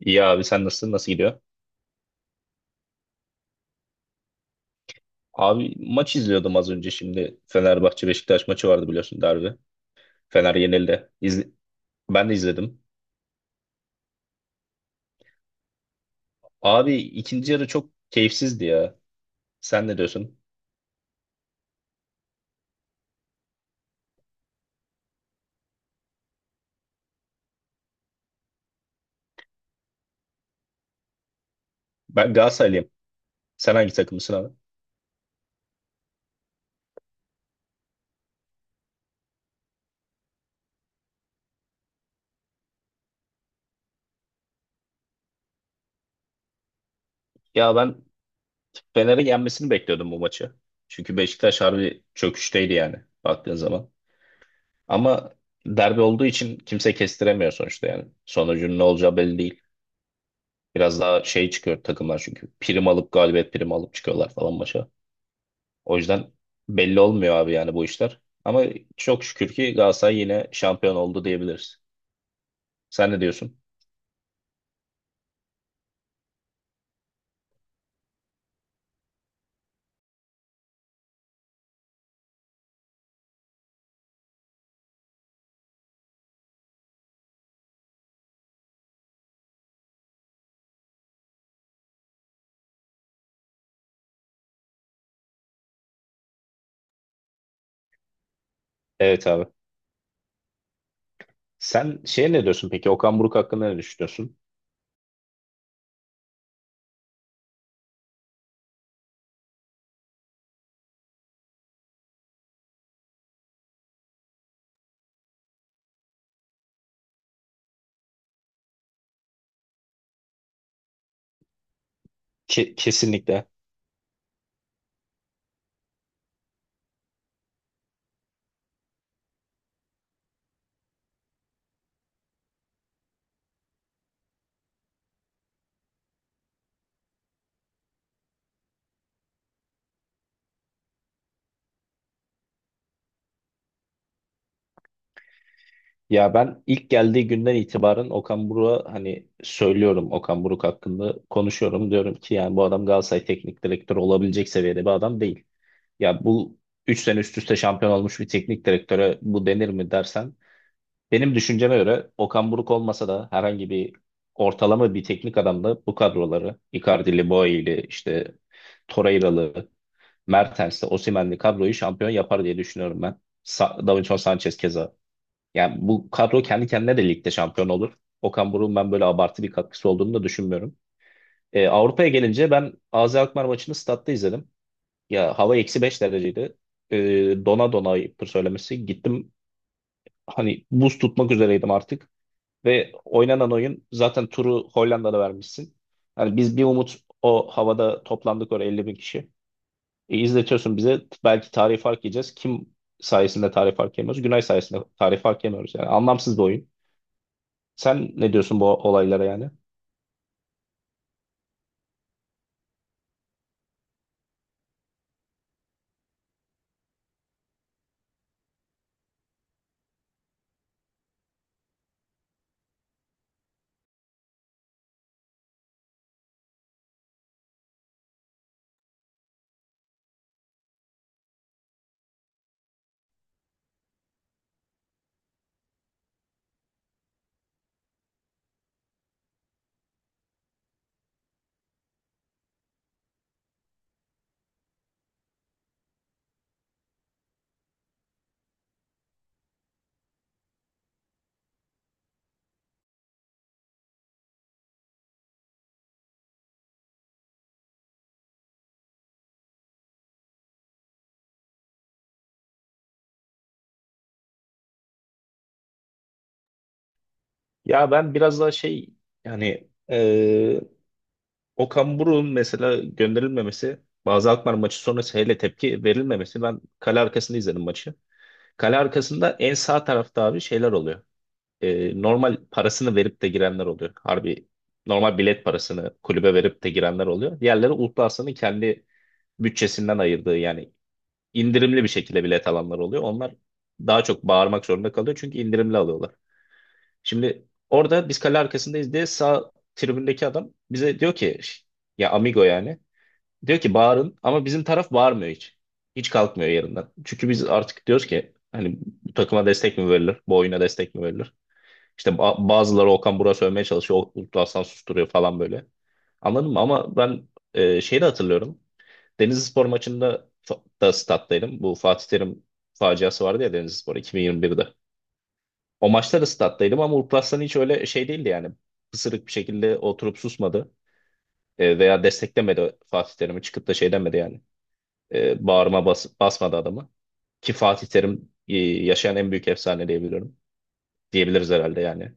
İyi abi sen nasılsın? Nasıl gidiyor? Abi maç izliyordum az önce şimdi. Fenerbahçe Beşiktaş maçı vardı biliyorsun derbi. Fener yenildi. Ben de izledim. Abi ikinci yarı çok keyifsizdi ya. Sen ne diyorsun? Ben Galatasaraylıyım. Sen hangi takımısın abi? Ya ben Fener'in yenmesini bekliyordum bu maçı. Çünkü Beşiktaş harbi çöküşteydi yani baktığın zaman. Ama derbi olduğu için kimse kestiremiyor sonuçta yani. Sonucun ne olacağı belli değil. Biraz daha şey çıkıyor takımlar çünkü. Prim alıp galibiyet primi alıp çıkıyorlar falan maça. O yüzden belli olmuyor abi yani bu işler. Ama çok şükür ki Galatasaray yine şampiyon oldu diyebiliriz. Sen ne diyorsun? Evet abi. Sen ne diyorsun peki? Okan Buruk hakkında ne düşünüyorsun? Kesinlikle. Ya ben ilk geldiği günden itibaren Okan Buruk'a hani söylüyorum, Okan Buruk hakkında konuşuyorum. Diyorum ki yani bu adam Galatasaray teknik direktörü olabilecek seviyede bir adam değil. Ya bu 3 sene üst üste şampiyon olmuş bir teknik direktöre bu denir mi dersen, benim düşünceme göre Okan Buruk olmasa da herhangi bir ortalama bir teknik adamla bu kadroları Icardi'li, Boey'li, işte Torreira'lı, Mertens'li, Osimhen'li kadroyu şampiyon yapar diye düşünüyorum ben. Davinson Sanchez keza. Yani bu kadro kendi kendine de ligde şampiyon olur. Okan Buruk'un ben böyle abartı bir katkısı olduğunu da düşünmüyorum. Avrupa'ya gelince ben AZ Alkmaar maçını statta izledim. Ya hava -5 dereceydi. Ee, Dona dona ayıptır söylemesi. Gittim hani buz tutmak üzereydim artık. Ve oynanan oyun zaten turu Hollanda'da vermişsin. Hani biz bir umut o havada toplandık oraya 50.000 kişi. E, izletiyorsun bize belki tarih fark yiyeceğiz. Kim sayesinde tarih fark yemiyoruz? Günay sayesinde tarih fark yemiyoruz. Yani anlamsız bir oyun. Sen ne diyorsun bu olaylara yani? Ya ben biraz daha şey yani Okan Buruk'un mesela gönderilmemesi, bazı Alkmaar maçı sonrası hele tepki verilmemesi, ben kale arkasında izledim maçı. Kale arkasında en sağ tarafta abi şeyler oluyor. Normal parasını verip de girenler oluyor. Harbi normal bilet parasını kulübe verip de girenler oluyor. Diğerleri Ultrasa'nın kendi bütçesinden ayırdığı yani indirimli bir şekilde bilet alanlar oluyor. Onlar daha çok bağırmak zorunda kalıyor çünkü indirimli alıyorlar. Şimdi orada biz kale arkasındayız diye sağ tribündeki adam bize diyor ki ya amigo yani, diyor ki bağırın, ama bizim taraf bağırmıyor hiç. Hiç kalkmıyor yerinden. Çünkü biz artık diyoruz ki hani bu takıma destek mi verilir? Bu oyuna destek mi verilir? İşte bazıları Okan Burak'ı sövmeye çalışıyor. Uludağ Hasan susturuyor falan böyle. Anladın mı? Ama ben şeyi de hatırlıyorum. Denizlispor maçında da stat'taydım. Bu Fatih Terim faciası vardı ya, Denizlispor 2021'de. O maçta da stat'taydım ama Uludağ Hasan hiç öyle şey değildi yani. Pısırık bir şekilde oturup susmadı. Veya desteklemedi Fatih Terim'i. Çıkıp da şey demedi yani. Bağrıma basmadı adamı. Ki Fatih Terim yaşayan en büyük efsane diyebiliyorum. Diyebiliriz herhalde yani.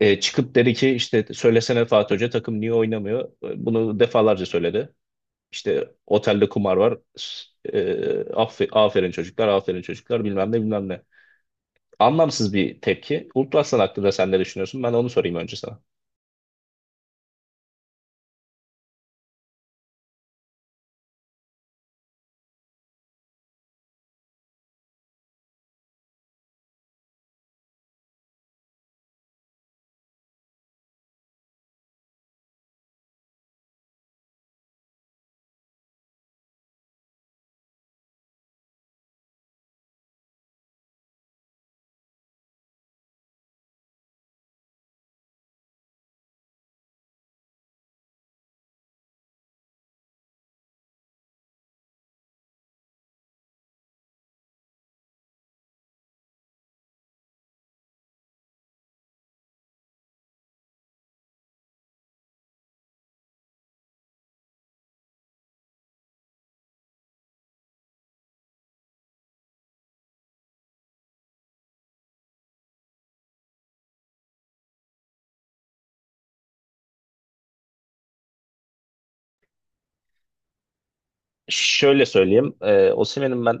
Çıkıp dedi ki işte, söylesene Fatih Hoca, takım niye oynamıyor? Bunu defalarca söyledi. İşte otelde kumar var. E, aferin çocuklar, aferin çocuklar bilmem ne bilmem ne." Anlamsız bir tepki. Ultrasan hakkında sen ne düşünüyorsun? Ben onu sorayım önce sana. Şöyle söyleyeyim. Osimhen'in ben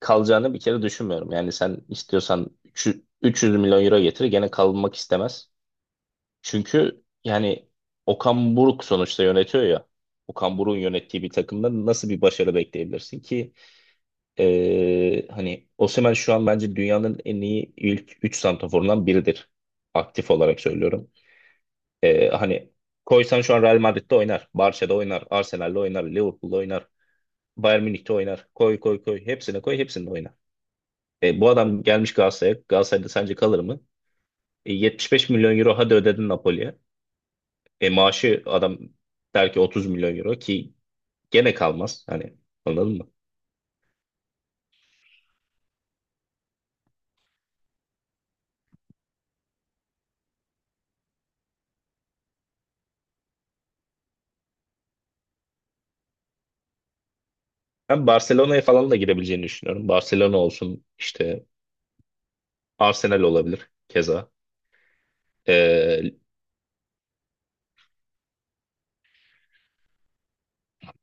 kalacağını bir kere düşünmüyorum. Yani sen istiyorsan 300 milyon euro getir, gene kalmak istemez. Çünkü yani Okan Buruk sonuçta yönetiyor ya. Okan Buruk'un yönettiği bir takımda nasıl bir başarı bekleyebilirsin ki? Hani Osimhen şu an bence dünyanın en iyi ilk 3 santraforundan biridir. Aktif olarak söylüyorum. Hani koysan şu an Real Madrid'de oynar, Barça'da oynar, Arsenal'de oynar, Liverpool'da oynar, Bayern Münih'te oynar. Koy koy koy hepsine koy, hepsinde oynar. Bu adam gelmiş Galatasaray'a. Galatasaray'da sence kalır mı? 75 milyon euro hadi ödedin Napoli'ye. Maaşı adam der ki 30 milyon euro, ki gene kalmaz. Hani anladın mı? Ben Barcelona'ya falan da girebileceğini düşünüyorum. Barcelona olsun, işte Arsenal olabilir keza. E,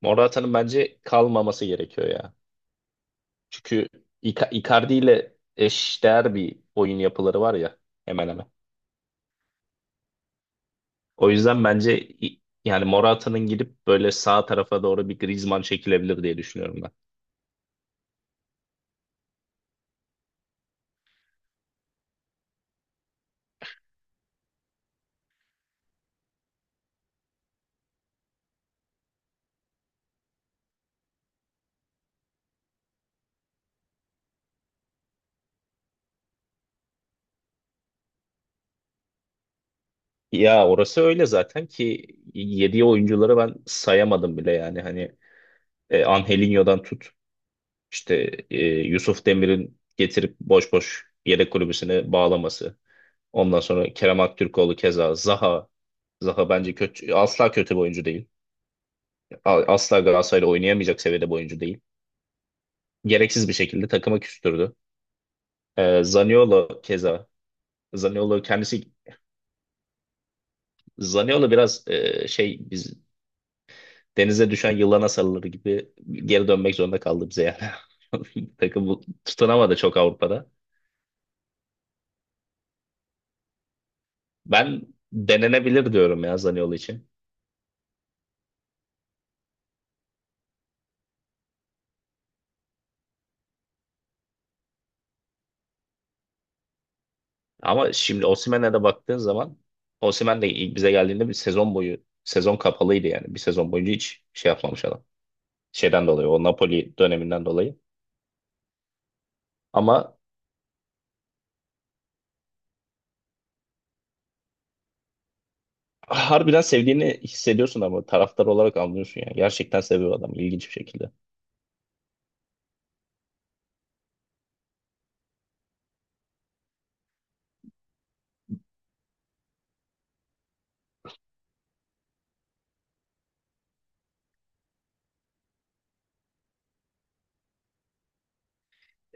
Morata'nın bence kalmaması gerekiyor ya. Çünkü Icardi ile eşdeğer bir oyun yapıları var ya, hemen hemen. O yüzden bence yani Morata'nın gidip böyle sağ tarafa doğru bir Griezmann çekilebilir diye düşünüyorum ben. Ya orası öyle zaten ki yediği oyuncuları ben sayamadım bile yani, hani Angelinho'dan tut, işte Yusuf Demir'in getirip boş boş yedek kulübüsüne bağlaması. Ondan sonra Kerem Aktürkoğlu, keza Zaha. Zaha bence kötü, asla kötü bir oyuncu değil. Asla Galatasaray'la oynayamayacak seviyede bir oyuncu değil. Gereksiz bir şekilde takıma küstürdü. Zaniolo keza, Zaniolo kendisi, Zaniolo biraz biz denize düşen yılana sarılır gibi geri dönmek zorunda kaldı bize yani. Takım tutunamadı çok Avrupa'da. Ben denenebilir diyorum ya Zaniolo için. Ama şimdi Osimhen'e de baktığın zaman, Osimhen de ilk bize geldiğinde bir sezon boyu sezon kapalıydı yani. Bir sezon boyunca hiç şey yapmamış adam. Şeyden dolayı, o Napoli döneminden dolayı. Ama harbiden sevdiğini hissediyorsun, ama taraftar olarak anlıyorsun yani. Gerçekten seviyor adam ilginç bir şekilde.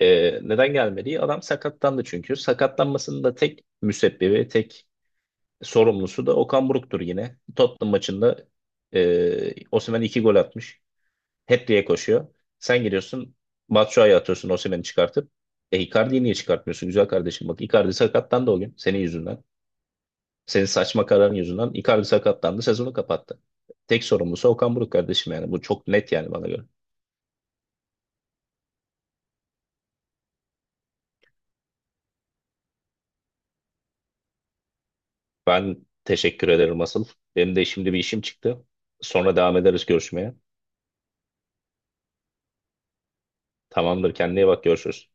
Neden gelmedi? Adam sakatlandı çünkü. Sakatlanmasının da tek müsebbibi, tek sorumlusu da Okan Buruk'tur yine. Tottenham maçında Osimhen iki gol atmış. Hat-trick'e koşuyor. Sen giriyorsun, Batshuayi'ye atıyorsun Osimhen'i çıkartıp. Icardi'yi niye çıkartmıyorsun güzel kardeşim? Bak Icardi sakatlandı o gün senin yüzünden. Senin saçma kararın yüzünden Icardi sakatlandı, sezonu kapattı. Tek sorumlusu Okan Buruk, kardeşim yani. Bu çok net yani bana göre. Ben teşekkür ederim asıl. Benim de şimdi bir işim çıktı. Sonra devam ederiz görüşmeye. Tamamdır, kendine iyi bak, görüşürüz.